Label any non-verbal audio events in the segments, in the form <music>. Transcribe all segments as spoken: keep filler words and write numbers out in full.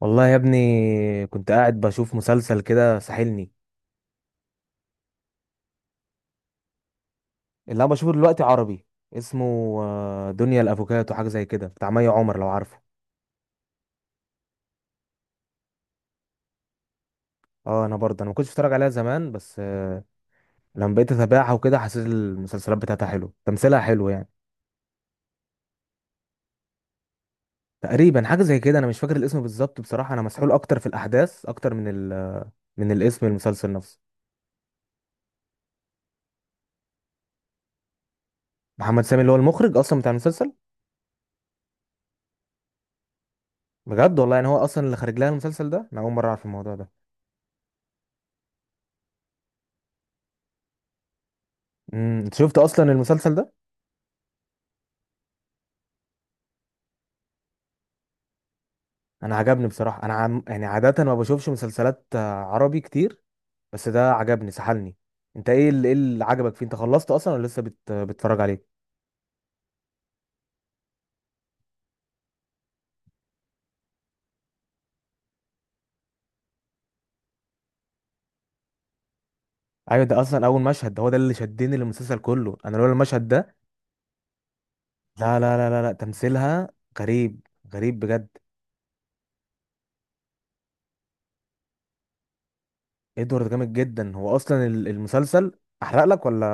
والله يا ابني، كنت قاعد بشوف مسلسل كده ساحلني. اللي انا بشوفه دلوقتي عربي. اسمه آه، دنيا الافوكاتو، حاجه زي كده بتاع مي عمر لو عارفه. اه، انا برضه انا ما كنتش بتفرج عليها زمان، بس آه، لما بقيت اتابعها وكده، حسيت المسلسلات بتاعتها حلو، تمثيلها حلو يعني. تقريبا حاجه زي كده، انا مش فاكر الاسم بالظبط بصراحه، انا مسحول اكتر في الاحداث اكتر من ال... من الاسم المسلسل نفسه. محمد سامي اللي هو المخرج اصلا بتاع المسلسل؟ بجد والله! يعني هو اصلا اللي خرج لها المسلسل ده، انا اول مره اعرف الموضوع ده. امم انت شفت اصلا المسلسل ده؟ انا عجبني بصراحه، انا عم... يعني عاده ما بشوفش مسلسلات آه، عربي كتير، بس ده عجبني سحلني. انت ايه اللي, إيه اللي عجبك فيه؟ انت خلصت اصلا ولا لسه بت... بتتفرج عليه؟ ايوه ده اصلا اول مشهد، ده هو ده اللي شدني للمسلسل كله، انا لولا المشهد ده. لا لا لا لا، لا. تمثيلها غريب، غريب بجد. ادوارد جامد جدا، هو اصلا ال- المسلسل، احرق لك ولا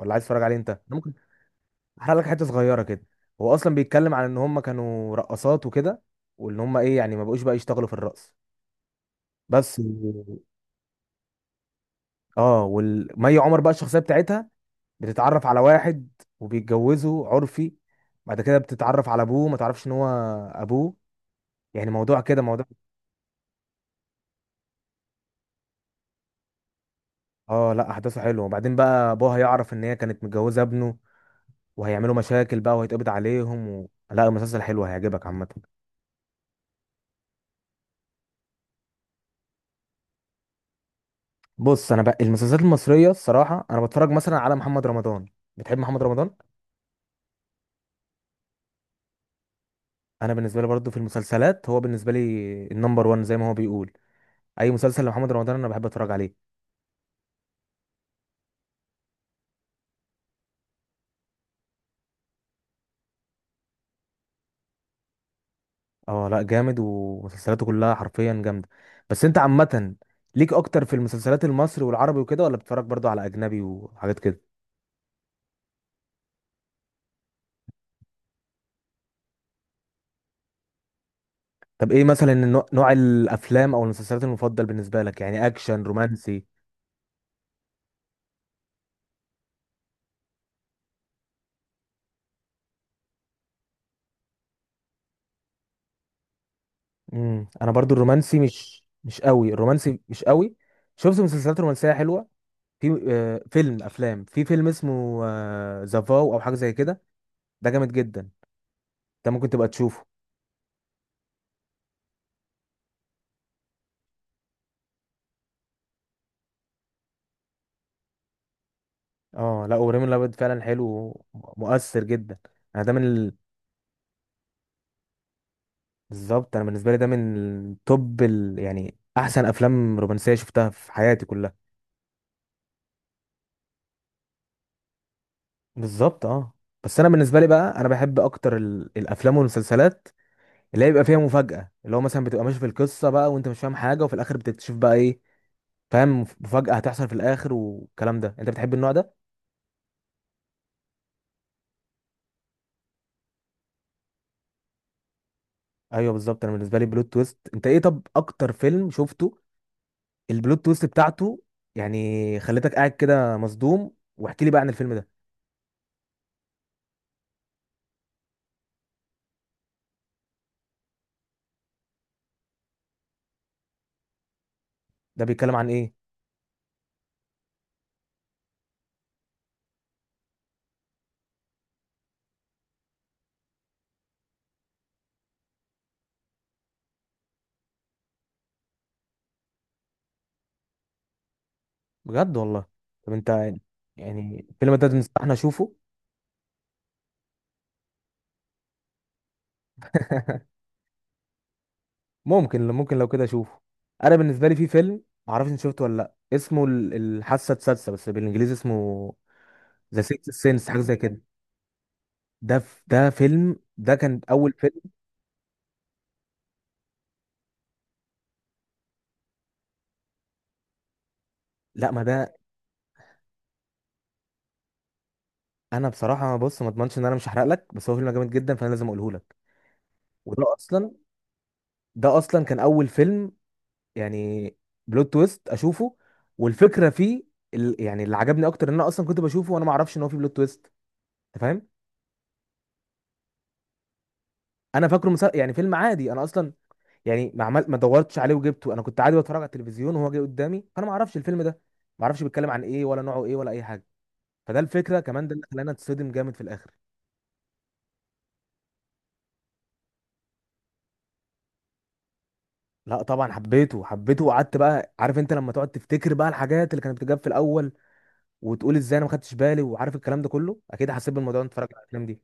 ولا عايز تتفرج عليه انت؟ أنا ممكن احرق لك حته صغيره كده. هو اصلا بيتكلم عن ان هم كانوا رقصات وكده، وان هم ايه يعني، ما بقوش بقى يشتغلوا في الرقص، بس. اه، والمي عمر بقى الشخصيه بتاعتها بتتعرف على واحد وبيتجوزه عرفي، بعد كده بتتعرف على ابوه، ما تعرفش ان هو ابوه، يعني موضوع كده موضوع. اه لا، احداثه حلوه، وبعدين بقى ابوها يعرف ان هي كانت متجوزه ابنه، وهيعملوا مشاكل بقى، وهيتقبض عليهم و... لا، المسلسل حلو هيعجبك عامه. بص، انا بقى المسلسلات المصريه الصراحه انا بتفرج مثلا على محمد رمضان. بتحب محمد رمضان؟ انا بالنسبه لي برضو في المسلسلات، هو بالنسبه لي النمبر وان زي ما هو بيقول. اي مسلسل لمحمد رمضان انا بحب اتفرج عليه. اه لا، جامد، ومسلسلاته كلها حرفيا جامده. بس انت عامه، ليك اكتر في المسلسلات المصري والعربي وكده، ولا بتتفرج برضو على اجنبي وحاجات كده؟ طب ايه مثلا النوع- نوع الافلام او المسلسلات المفضل بالنسبه لك؟ يعني اكشن، رومانسي؟ امم انا برضو الرومانسي مش مش قوي، الرومانسي مش قوي. شفت مسلسلات رومانسيه حلوه، في آه، فيلم افلام في فيلم اسمه آه، ذا فاو او حاجه زي كده، ده جامد جدا، ده ممكن تبقى تشوفه. اه لا، ابراهيم الابيض فعلا حلو ومؤثر جدا، انا ده من. بالظبط، انا بالنسبه لي ده من توب ال... يعني احسن افلام رومانسيه شفتها في حياتي كلها. بالظبط اه، بس انا بالنسبه لي بقى انا بحب اكتر ال... الافلام والمسلسلات اللي هي بيبقى فيها مفاجاه، اللي هو مثلا بتبقى ماشي في القصه بقى وانت مش فاهم حاجه، وفي الاخر بتكتشف بقى ايه. فاهم، مف- مفاجاه هتحصل في الاخر والكلام ده، انت بتحب النوع ده؟ ايوه بالظبط، انا بالنسبه لي بلوت تويست. انت ايه، طب اكتر فيلم شفته البلوت تويست بتاعته؟ يعني خليتك قاعد كده مصدوم، واحكي لي بقى عن الفيلم ده، ده بيتكلم عن ايه؟ بجد والله! طب انت، يعني الفيلم ده تنصحني اشوفه؟ <laughs> ممكن ممكن لو كده اشوفه. انا بالنسبه لي في فيلم، معرفش انت شفته ولا لا، اسمه ال- الحاسه السادسه، بس بالانجليزي اسمه ذا سيكس سينس حاجه زي كده، ده ف- ده فيلم، ده كان اول فيلم. لا ما ده، انا بصراحه بص ما اضمنش ان انا مش هحرق لك، بس هو فيلم جامد جدا فانا لازم اقوله لك. وده اصلا ده اصلا كان اول فيلم، يعني بلوت تويست اشوفه، والفكره فيه، ال- يعني اللي عجبني اكتر ان انا اصلا كنت بشوفه وانا ما اعرفش ان هو فيه بلوت تويست، انت فاهم. انا فاكره مسل... يعني فيلم عادي انا اصلا، يعني ما عمل ما دورتش عليه وجبته، انا كنت عادي بتفرج على التلفزيون وهو جاي قدامي، فانا ما اعرفش الفيلم ده، ما اعرفش بيتكلم عن ايه ولا نوعه ايه ولا اي حاجه، فده الفكره كمان، ده اللي خلاني اتصدم جامد في الاخر. لا طبعا حبيته، حبيته، وقعدت بقى، عارف انت لما تقعد تفتكر بقى الحاجات اللي كانت بتجاب في الاول، وتقول ازاي انا ما خدتش بالي وعارف الكلام ده كله، اكيد حسيت بالموضوع وانت اتفرجت على الافلام دي.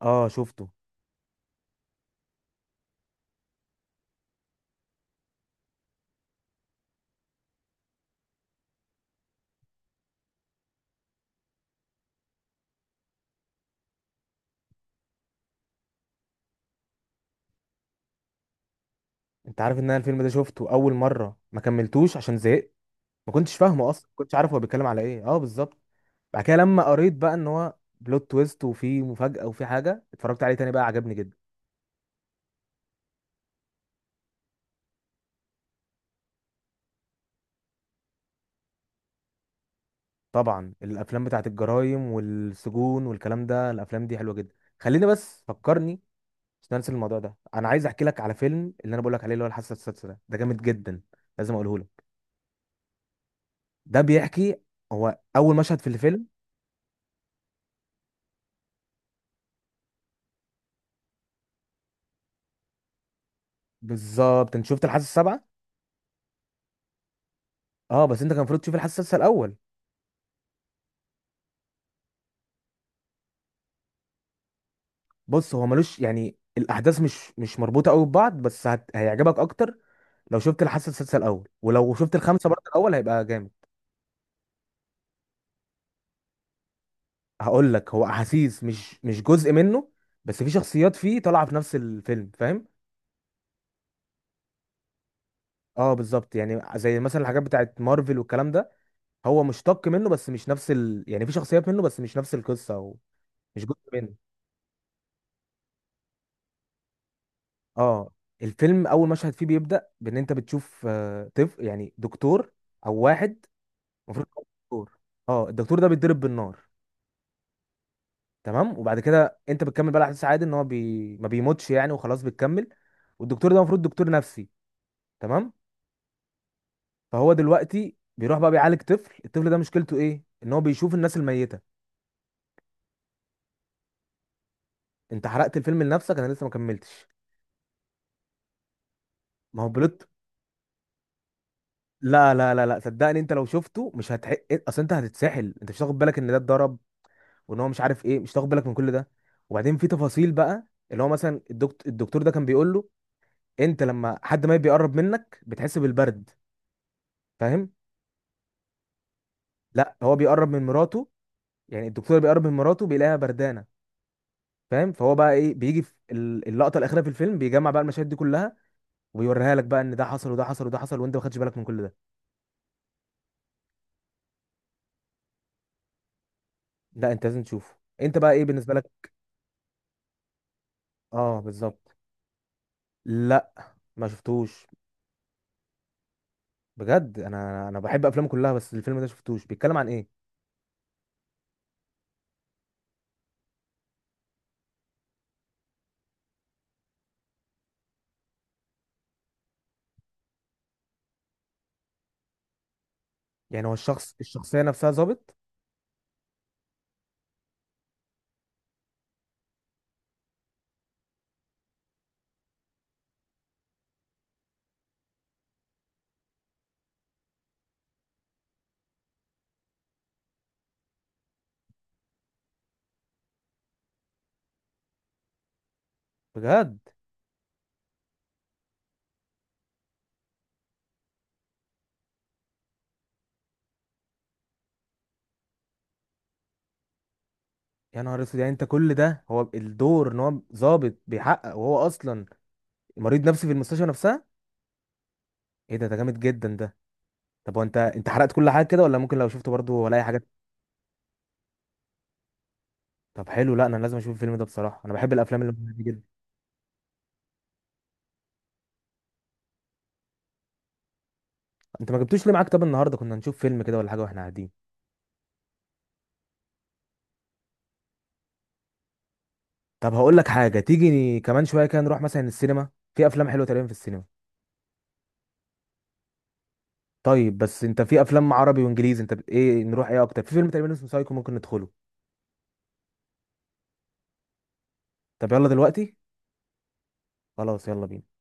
اه شفته. انت عارف ان انا الفيلم ده شفته اول مره ما كملتوش عشان زهقت، ما كنتش فاهمه اصلا، ما كنتش عارف هو بيتكلم على ايه. اه بالظبط، بعد كده لما قريت بقى ان هو بلوت تويست وفي مفاجأة وفي حاجة، اتفرجت عليه تاني بقى عجبني جدا. طبعا الافلام بتاعت الجرايم والسجون والكلام ده، الافلام دي حلوة جدا. خليني بس فكرني، مش ننسى الموضوع ده، انا عايز احكي لك على فيلم، اللي انا بقول لك عليه، اللي هو الحاسة السادسة ده ده جامد جدا، لازم اقوله لك. ده بيحكي، هو اول مشهد في الفيلم. بالظبط، انت شفت الحاسة السابعة؟ اه، بس انت كان المفروض تشوف الحاسة السادسة الاول. بص، هو ملوش يعني الاحداث مش مش مربوطه قوي ببعض، بس هت... هيعجبك اكتر لو شفت الحاسه السادسه الاول، ولو شفت الخمسه برضه الاول هيبقى جامد. هقول لك، هو احاسيس مش مش جزء منه، بس في شخصيات فيه طالعه في نفس الفيلم، فاهم. اه بالظبط، يعني زي مثلا الحاجات بتاعت مارفل والكلام ده، هو مشتق منه بس مش نفس ال... يعني في شخصيات منه بس مش نفس القصه، او مش جزء منه. اه، الفيلم اول مشهد فيه بيبدا بان انت بتشوف آه، طفل، يعني دكتور او واحد المفروض دكتور. اه الدكتور ده بيتضرب بالنار، تمام، وبعد كده انت بتكمل بقى الاحداث عادي، ان هو بي... ما بيموتش يعني وخلاص بتكمل، والدكتور ده المفروض دكتور نفسي، تمام. فهو دلوقتي بيروح بقى بيعالج طفل، الطفل ده مشكلته ايه، ان هو بيشوف الناس الميتة. انت حرقت الفيلم لنفسك، انا لسه ما كملتش. ما هو بلوت. لا لا لا لا، صدقني انت لو شفته مش هتح، اصل انت هتتسحل، انت مش هتاخد بالك ان ده اتضرب وان هو مش عارف ايه، مش هتاخد بالك من كل ده. وبعدين في تفاصيل بقى، اللي هو مثلا الدكتور الدكتور ده كان بيقول له، انت لما حد ما بيقرب منك بتحس بالبرد، فاهم. لا، هو بيقرب من مراته، يعني الدكتور بيقرب من مراته بيلاقيها بردانه، فاهم. فهو بقى ايه، بيجي في ال- اللقطه الاخيره في الفيلم، بيجمع بقى المشاهد دي كلها، وبيوريها لك بقى ان ده حصل وده حصل وده حصل وانت ما خدتش بالك من كل ده. لا، انت لازم تشوفه. انت بقى ايه بالنسبه لك؟ اه بالظبط. لا ما شفتوش. بجد! انا انا بحب افلامه كلها، بس الفيلم ده شفتوش، بيتكلم عن ايه؟ يعني هو الشخص الشخصيه نفسها ظابط؟ بجد! يا نهار اسود! يعني انت كل ده هو الدور ان هو ظابط بيحقق وهو اصلا مريض نفسي في المستشفى نفسها! ايه ده ده جامد جدا ده. طب هو انت، انت حرقت كل حاجه كده، ولا ممكن لو شفته برضه ولا اي حاجه؟ طب حلو، لا انا لازم اشوف الفيلم ده بصراحه، انا بحب الافلام اللي دي جدا. انت ما جبتوش ليه معاك؟ طب النهارده كنا هنشوف فيلم كده ولا حاجه واحنا قاعدين. طب هقول لك حاجه، تيجي كمان شويه كده نروح مثلا السينما، في افلام حلوه تقريبا في السينما. طيب، بس انت في افلام عربي وانجليزي انت ب- ايه؟ نروح ايه اكتر؟ في فيلم تقريبا اسمه سايكو، ممكن ندخله. طب يلا دلوقتي. خلاص يلا بينا.